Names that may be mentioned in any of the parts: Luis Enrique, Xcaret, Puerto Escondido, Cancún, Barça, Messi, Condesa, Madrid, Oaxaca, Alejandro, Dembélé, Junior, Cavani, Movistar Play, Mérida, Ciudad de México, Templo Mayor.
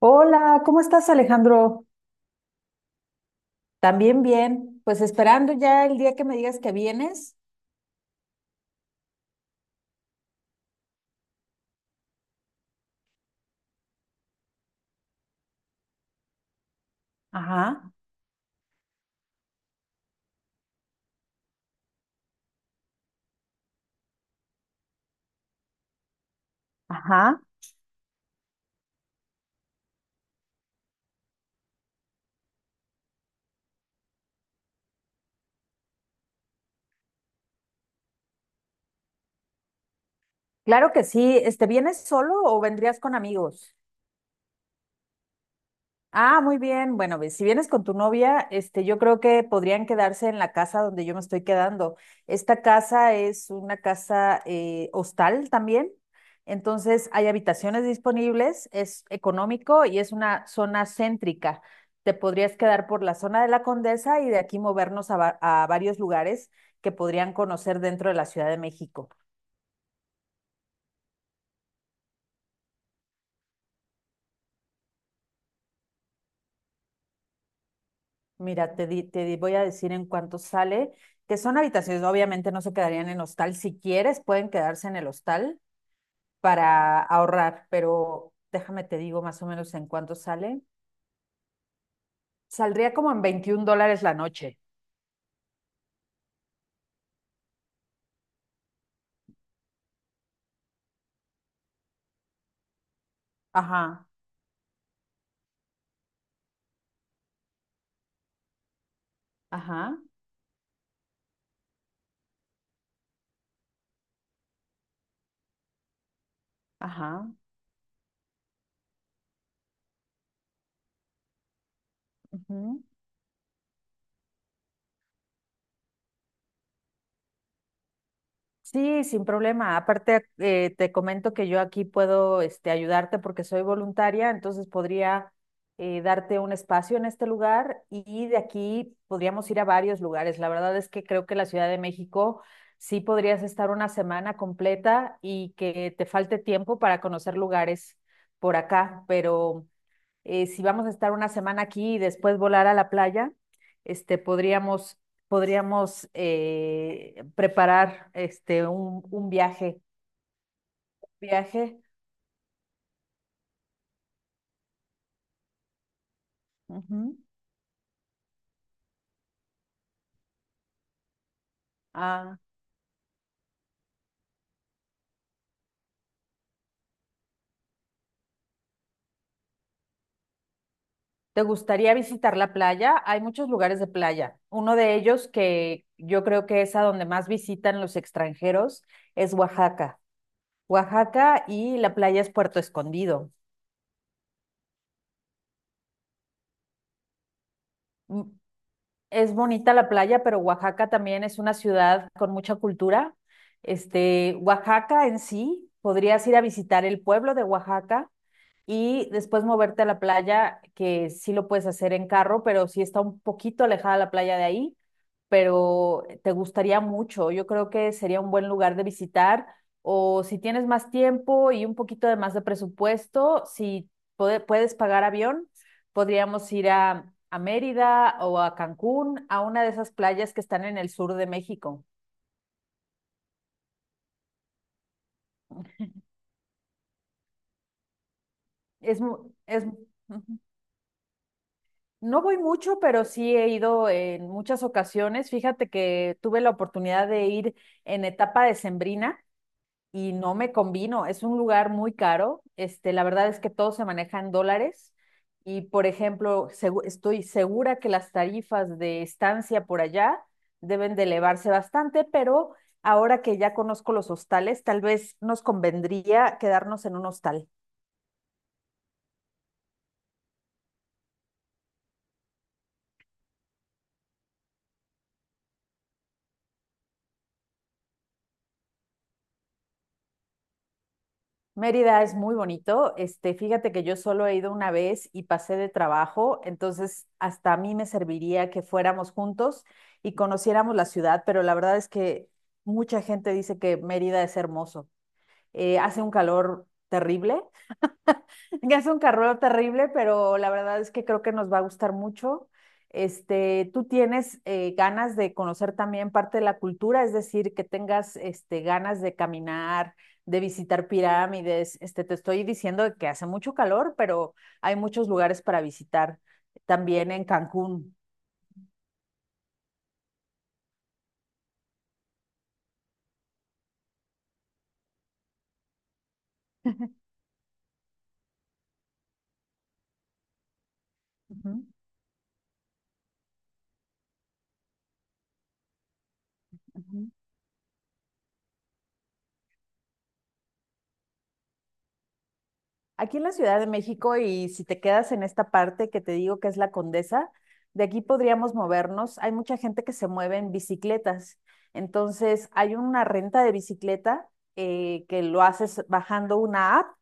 Hola, ¿cómo estás, Alejandro? También bien, pues esperando ya el día que me digas que vienes. Ajá, ajá. Claro que sí. Este, ¿vienes solo o vendrías con amigos? Ah, muy bien. Bueno, ve, si vienes con tu novia, este, yo creo que podrían quedarse en la casa donde yo me estoy quedando. Esta casa es una casa hostal también, entonces hay habitaciones disponibles, es económico y es una zona céntrica. Te podrías quedar por la zona de la Condesa y de aquí movernos a, a varios lugares que podrían conocer dentro de la Ciudad de México. Mira, voy a decir en cuánto sale, que son habitaciones, obviamente no se quedarían en hostal. Si quieres, pueden quedarse en el hostal para ahorrar, pero déjame te digo más o menos en cuánto sale. Saldría como en $21 la noche. Ajá, ajá, ajá. Ujú. Sí, sin problema. Aparte, te comento que yo aquí puedo ayudarte porque soy voluntaria, entonces podría darte un espacio en este lugar y de aquí podríamos ir a varios lugares. La verdad es que creo que la Ciudad de México sí podrías estar una semana completa y que te falte tiempo para conocer lugares por acá, pero si vamos a estar una semana aquí y después volar a la playa, este, podríamos, podríamos preparar un viaje. Viaje. Ujú, a- ¿te gustaría visitar la playa? Hay muchos lugares de playa. Uno de ellos que yo creo que es a donde más visitan los extranjeros es Oaxaca. Oaxaca y la playa es Puerto Escondido. Mm, es bonita la playa, pero Oaxaca también es una ciudad con mucha cultura. Oaxaca en sí, podrías ir a visitar el pueblo de Oaxaca, y después moverte a la playa, que sí lo puedes hacer en carro, pero sí está un poquito alejada la playa de ahí, pero te gustaría mucho. Yo creo que sería un buen lugar de visitar o si tienes más tiempo y un poquito de más de presupuesto, si puedes pagar avión, podríamos ir a Mérida o a Cancún, a una de esas playas que están en el sur de México. Es, ujú. No voy mucho, pero sí he ido en muchas ocasiones. Fíjate que tuve la oportunidad de ir en etapa decembrina y no me convino. Es un lugar muy caro. La verdad es que todo se maneja en dólares. Y, por ejemplo, estoy segura que las tarifas de estancia por allá deben de elevarse bastante, pero ahora que ya conozco los hostales, tal vez nos convendría quedarnos en un hostal. Mérida es muy bonito. Fíjate que yo solo he ido una vez y pasé de trabajo, entonces hasta a mí me serviría que fuéramos juntos y conociéramos la ciudad, pero la verdad es que mucha gente dice que Mérida es hermoso. Hace un calor terrible, ya es un carrero terrible, pero la verdad es que creo que nos va a gustar mucho. Tú tienes ganas de conocer también parte de la cultura, es decir, que tengas ganas de caminar, de visitar pirámides. Te estoy diciendo que hace mucho calor, pero hay muchos lugares para visitar también en Cancún. Ujú, ujú. Aquí en la Ciudad de México, y si te quedas en esta parte que te digo que es la Condesa, de aquí podríamos movernos. Hay mucha gente que se mueve en bicicletas. Entonces, hay una renta de bicicleta que lo haces bajando una app,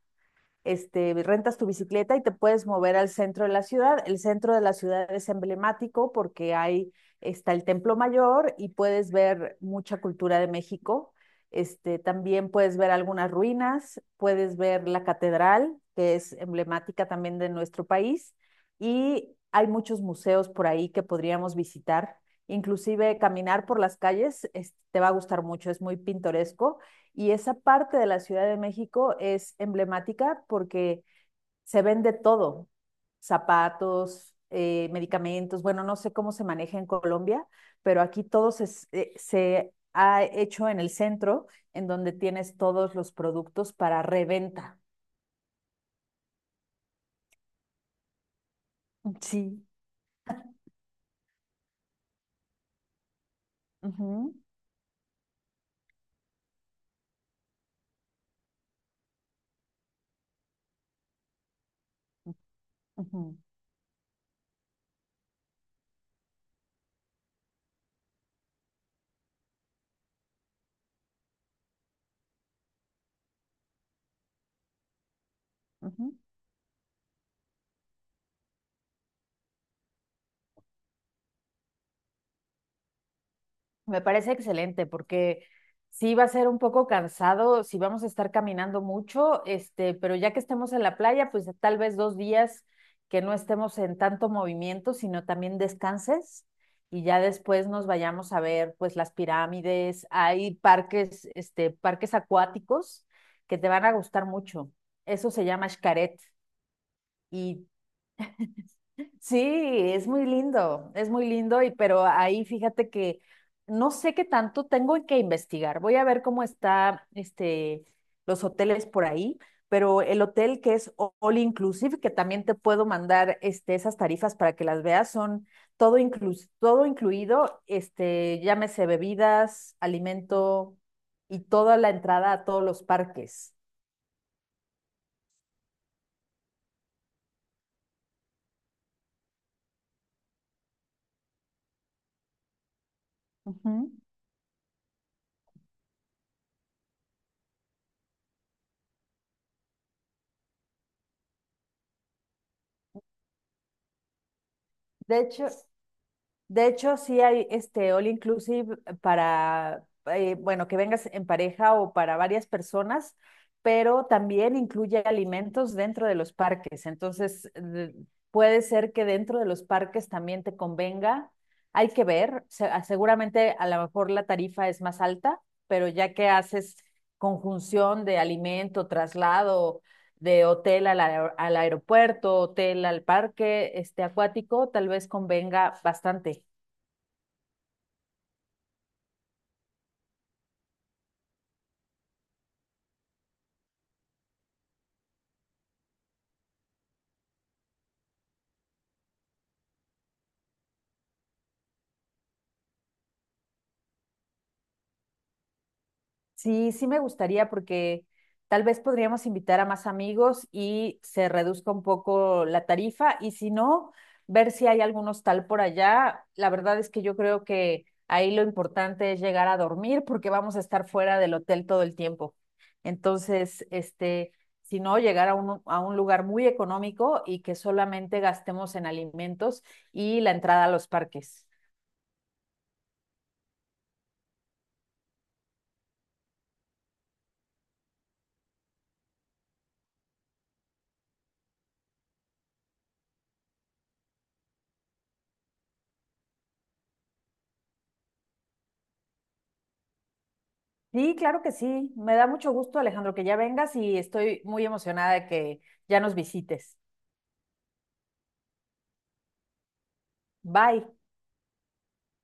rentas tu bicicleta y te puedes mover al centro de la ciudad. El centro de la ciudad es emblemático porque ahí está el Templo Mayor y puedes ver mucha cultura de México. También puedes ver algunas ruinas, puedes ver la catedral, que es emblemática también de nuestro país, y hay muchos museos por ahí que podríamos visitar. Inclusive caminar por las calles es, te va a gustar mucho, es muy pintoresco, y esa parte de la Ciudad de México es emblemática porque se vende todo, zapatos, medicamentos, bueno, no sé cómo se maneja en Colombia, pero aquí todo se ha hecho en el centro, en donde tienes todos los productos para reventa. Sí. Ujú, ujú, ujú. Me parece excelente porque sí va a ser un poco cansado, sí vamos a estar caminando mucho, pero ya que estemos en la playa, pues tal vez 2 días que no estemos en tanto movimiento, sino también descanses, y ya después nos vayamos a ver pues las pirámides, hay parques, parques acuáticos que te van a gustar mucho. Eso se llama Xcaret. Y sí, es muy lindo, y pero ahí fíjate que no sé qué tanto tengo que investigar. Voy a ver cómo está los hoteles por ahí, pero el hotel que es all inclusive, que también te puedo mandar esas tarifas para que las veas, son todo incluido, llámese bebidas, alimento y toda la entrada a todos los parques. Ujú. De hecho, De hecho, sí hay este all inclusive para, bueno, que vengas en pareja o para varias personas, pero también incluye alimentos dentro de los parques. Entonces, de- puede ser que dentro de los parques también te convenga. Hay que ver, seguramente a lo mejor la tarifa es más alta, pero ya que haces conjunción de alimento, traslado, de hotel al, al aeropuerto, hotel al parque acuático, tal vez convenga bastante. Sí, sí me gustaría porque tal vez podríamos invitar a más amigos y se reduzca un poco la tarifa, y si no, ver si hay algún hostal por allá. La verdad es que yo creo que ahí lo importante es llegar a dormir porque vamos a estar fuera del hotel todo el tiempo. Entonces, si no, llegar a a un lugar muy económico y que solamente gastemos en alimentos y la entrada a los parques. Sí, claro que sí. Me da mucho gusto, Alejandro, que ya vengas y estoy muy emocionada de que ya nos visites. Bye.